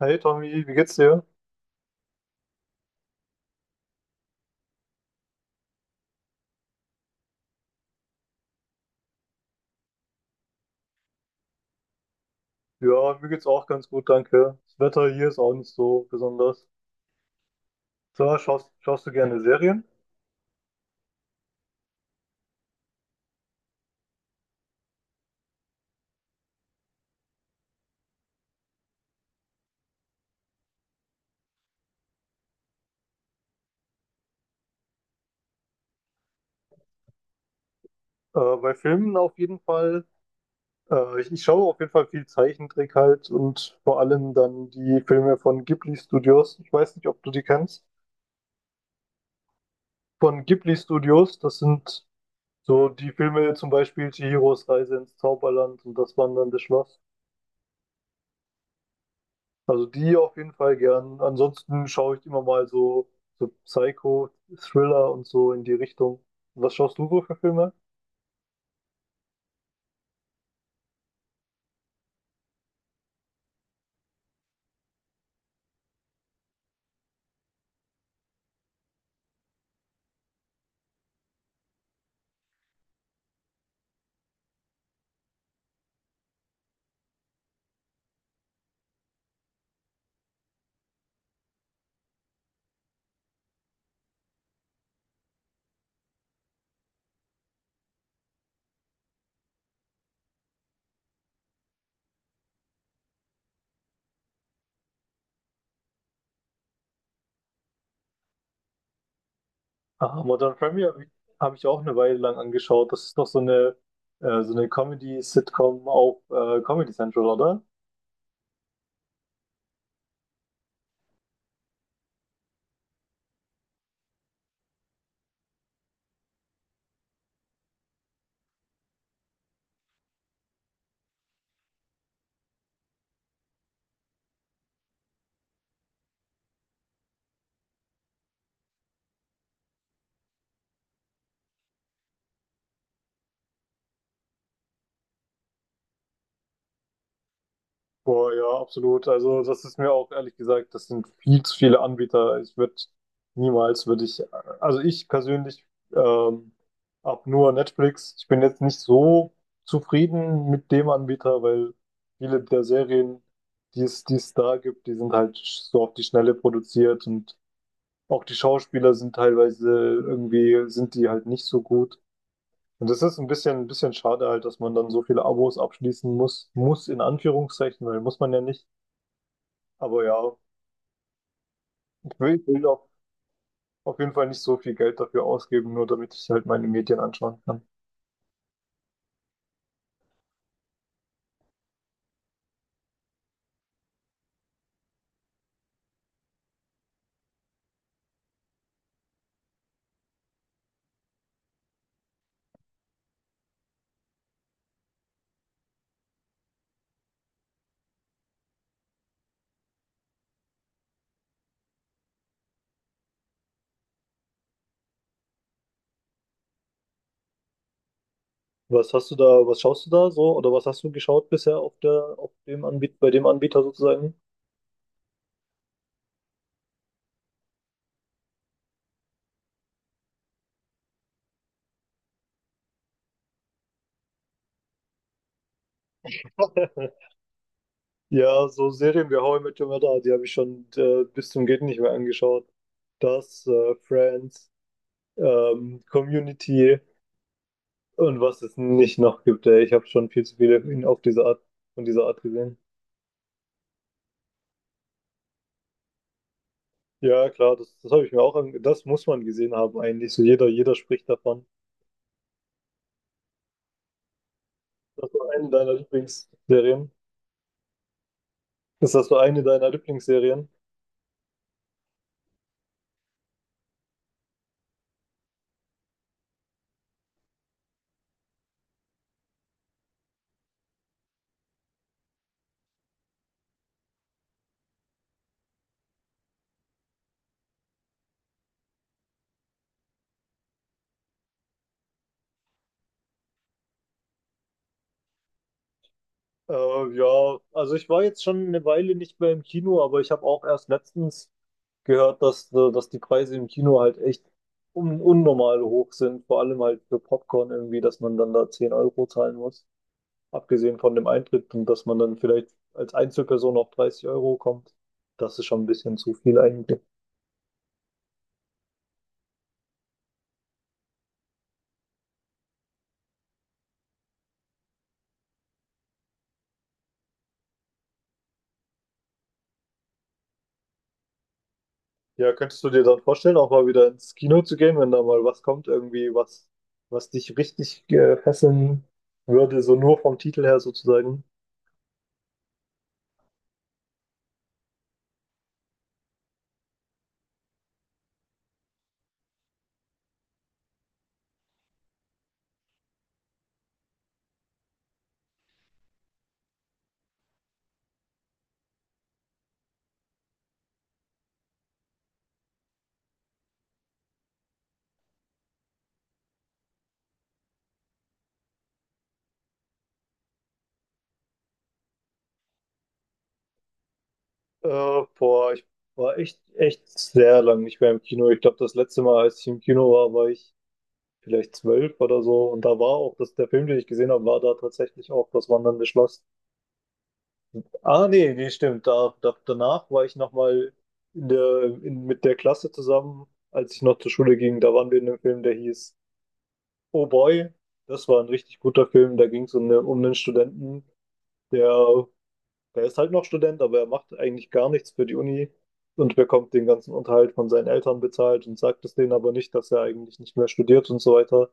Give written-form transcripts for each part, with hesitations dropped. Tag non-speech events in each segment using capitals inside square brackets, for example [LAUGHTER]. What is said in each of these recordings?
Hey Tommy, wie geht's dir? Ja, mir geht's auch ganz gut, danke. Das Wetter hier ist auch nicht so besonders. So schaust du gerne Serien? Bei Filmen auf jeden Fall. Ich schaue auf jeden Fall viel Zeichentrick halt und vor allem dann die Filme von Ghibli Studios. Ich weiß nicht, ob du die kennst. Von Ghibli Studios, das sind so die Filme, zum Beispiel Chihiros Reise ins Zauberland und das Wandernde Schloss. Also die auf jeden Fall gern. Ansonsten schaue ich immer mal so, so Psycho, Thriller und so in die Richtung. Was schaust du so für Filme? Ah, Modern Family hab ich auch eine Weile lang angeschaut. Das ist doch so eine Comedy-Sitcom auf Comedy Central, oder? Boah, ja, absolut. Also, das ist mir auch ehrlich gesagt, das sind viel zu viele Anbieter. Ich würde niemals, würde ich, also ich persönlich ähm, habe nur Netflix. Ich bin jetzt nicht so zufrieden mit dem Anbieter, weil viele der Serien, die es da gibt, die sind halt so auf die Schnelle produziert, und auch die Schauspieler sind teilweise irgendwie, sind die halt nicht so gut. Und das ist ein bisschen schade halt, dass man dann so viele Abos abschließen muss, muss in Anführungszeichen, weil muss man ja nicht. Aber ja, ich will auch auf jeden Fall nicht so viel Geld dafür ausgeben, nur damit ich halt meine Medien anschauen kann. Was hast du da, was schaust du da so, oder was hast du geschaut bisher auf der, auf dem Anbieter, bei dem Anbieter sozusagen? [LAUGHS] Ja, so Serien wie How I Met Your Mother, die habe ich schon bis zum Geht nicht mehr angeschaut. Friends, Community und was es nicht noch gibt. Ey. Ich habe schon viel zu viele von dieser Art gesehen. Ja, klar, das habe ich mir auch ange Das muss man gesehen haben eigentlich. So jeder spricht davon. Das war eine deiner Lieblingsserien. Ist das so eine deiner Lieblingsserien? Ja, also ich war jetzt schon eine Weile nicht mehr im Kino, aber ich habe auch erst letztens gehört, dass die Preise im Kino halt echt un unnormal hoch sind. Vor allem halt für Popcorn irgendwie, dass man dann da 10 Euro zahlen muss. Abgesehen von dem Eintritt, und dass man dann vielleicht als Einzelperson auf 30 Euro kommt. Das ist schon ein bisschen zu viel eigentlich. Ja, könntest du dir dann vorstellen, auch mal wieder ins Kino zu gehen, wenn da mal was kommt, irgendwie was, was dich richtig fesseln würde, so nur vom Titel her sozusagen? Boah, ich war echt, echt sehr lang nicht mehr im Kino. Ich glaube, das letzte Mal, als ich im Kino war, war ich vielleicht 12 oder so. Und da war auch das, der Film, den ich gesehen habe, war da tatsächlich auch das Wandernde Schloss. Ah, nee, nee, stimmt. Danach war ich nochmal mit der Klasse zusammen, als ich noch zur Schule ging. Da waren wir in einem Film, der hieß. Oh Boy, das war ein richtig guter Film. Da ging es um, ne, um einen Studenten, der, der ist halt noch Student, aber er macht eigentlich gar nichts für die Uni und bekommt den ganzen Unterhalt von seinen Eltern bezahlt und sagt es denen aber nicht, dass er eigentlich nicht mehr studiert und so weiter.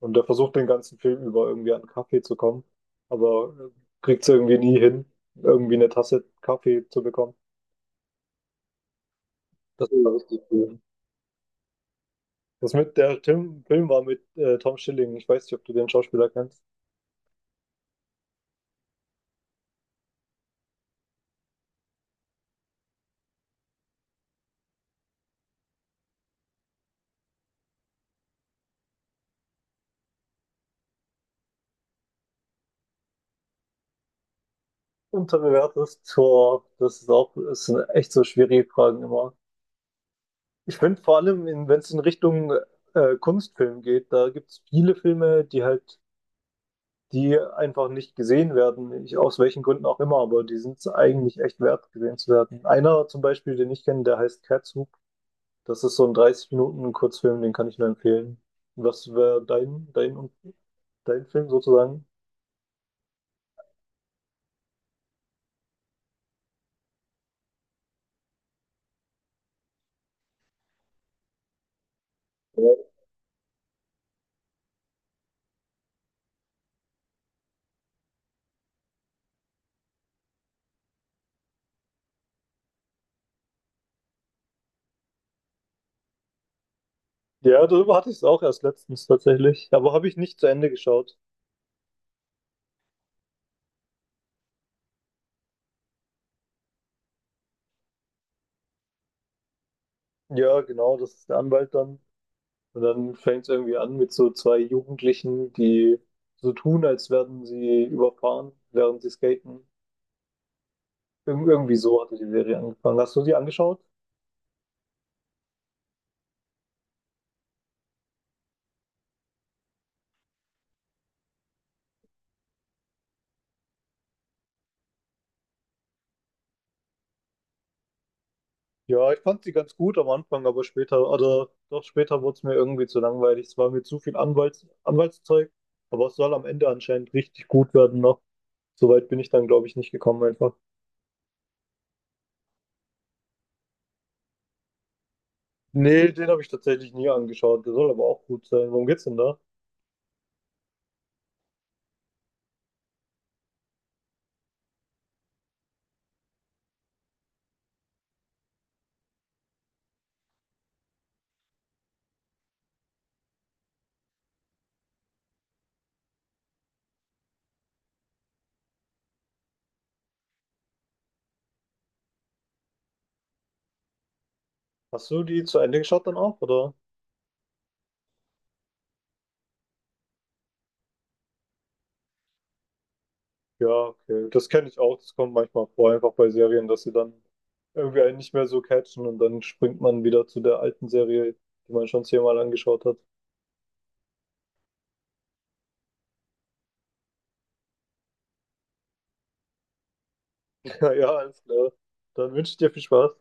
Und er versucht den ganzen Film über irgendwie an Kaffee zu kommen, aber kriegt es irgendwie nie hin, irgendwie eine Tasse Kaffee zu bekommen. Das war richtig cool. Das mit der Tim Film war mit Tom Schilling. Ich weiß nicht, ob du den Schauspieler kennst. Unterbewertet, Tor, das ist auch, das sind echt so schwierige Fragen immer. Ich finde vor allem, wenn es in Richtung Kunstfilm geht, da gibt es viele Filme, die halt, die einfach nicht gesehen werden, ich, aus welchen Gründen auch immer, aber die sind es eigentlich echt wert, gesehen zu werden. Einer zum Beispiel, den ich kenne, der heißt Catsup. Das ist so ein 30 Minuten Kurzfilm, den kann ich nur empfehlen. Was wäre dein Film sozusagen? Ja, darüber hatte ich es auch erst letztens tatsächlich, aber habe ich nicht zu Ende geschaut. Ja, genau, das ist der Anwalt dann. Und dann fängt es irgendwie an mit so zwei Jugendlichen, die so tun, als werden sie überfahren, während sie skaten. Irgendwie so hatte die Serie angefangen. Hast du sie angeschaut? Ja, ich fand sie ganz gut am Anfang, aber später, oder doch später wurde es mir irgendwie zu langweilig. Es war mir zu viel Anwaltszeug, aber es soll am Ende anscheinend richtig gut werden noch. Soweit bin ich dann, glaube ich, nicht gekommen einfach. Nee, den habe ich tatsächlich nie angeschaut. Der soll aber auch gut sein. Worum geht's denn da? Hast du die zu Ende geschaut dann auch, oder? Ja, okay. Das kenne ich auch. Das kommt manchmal vor, einfach bei Serien, dass sie dann irgendwie einen nicht mehr so catchen, und dann springt man wieder zu der alten Serie, die man schon 10-mal angeschaut hat. [LAUGHS] Ja, ja, alles klar. Dann wünsche ich dir viel Spaß.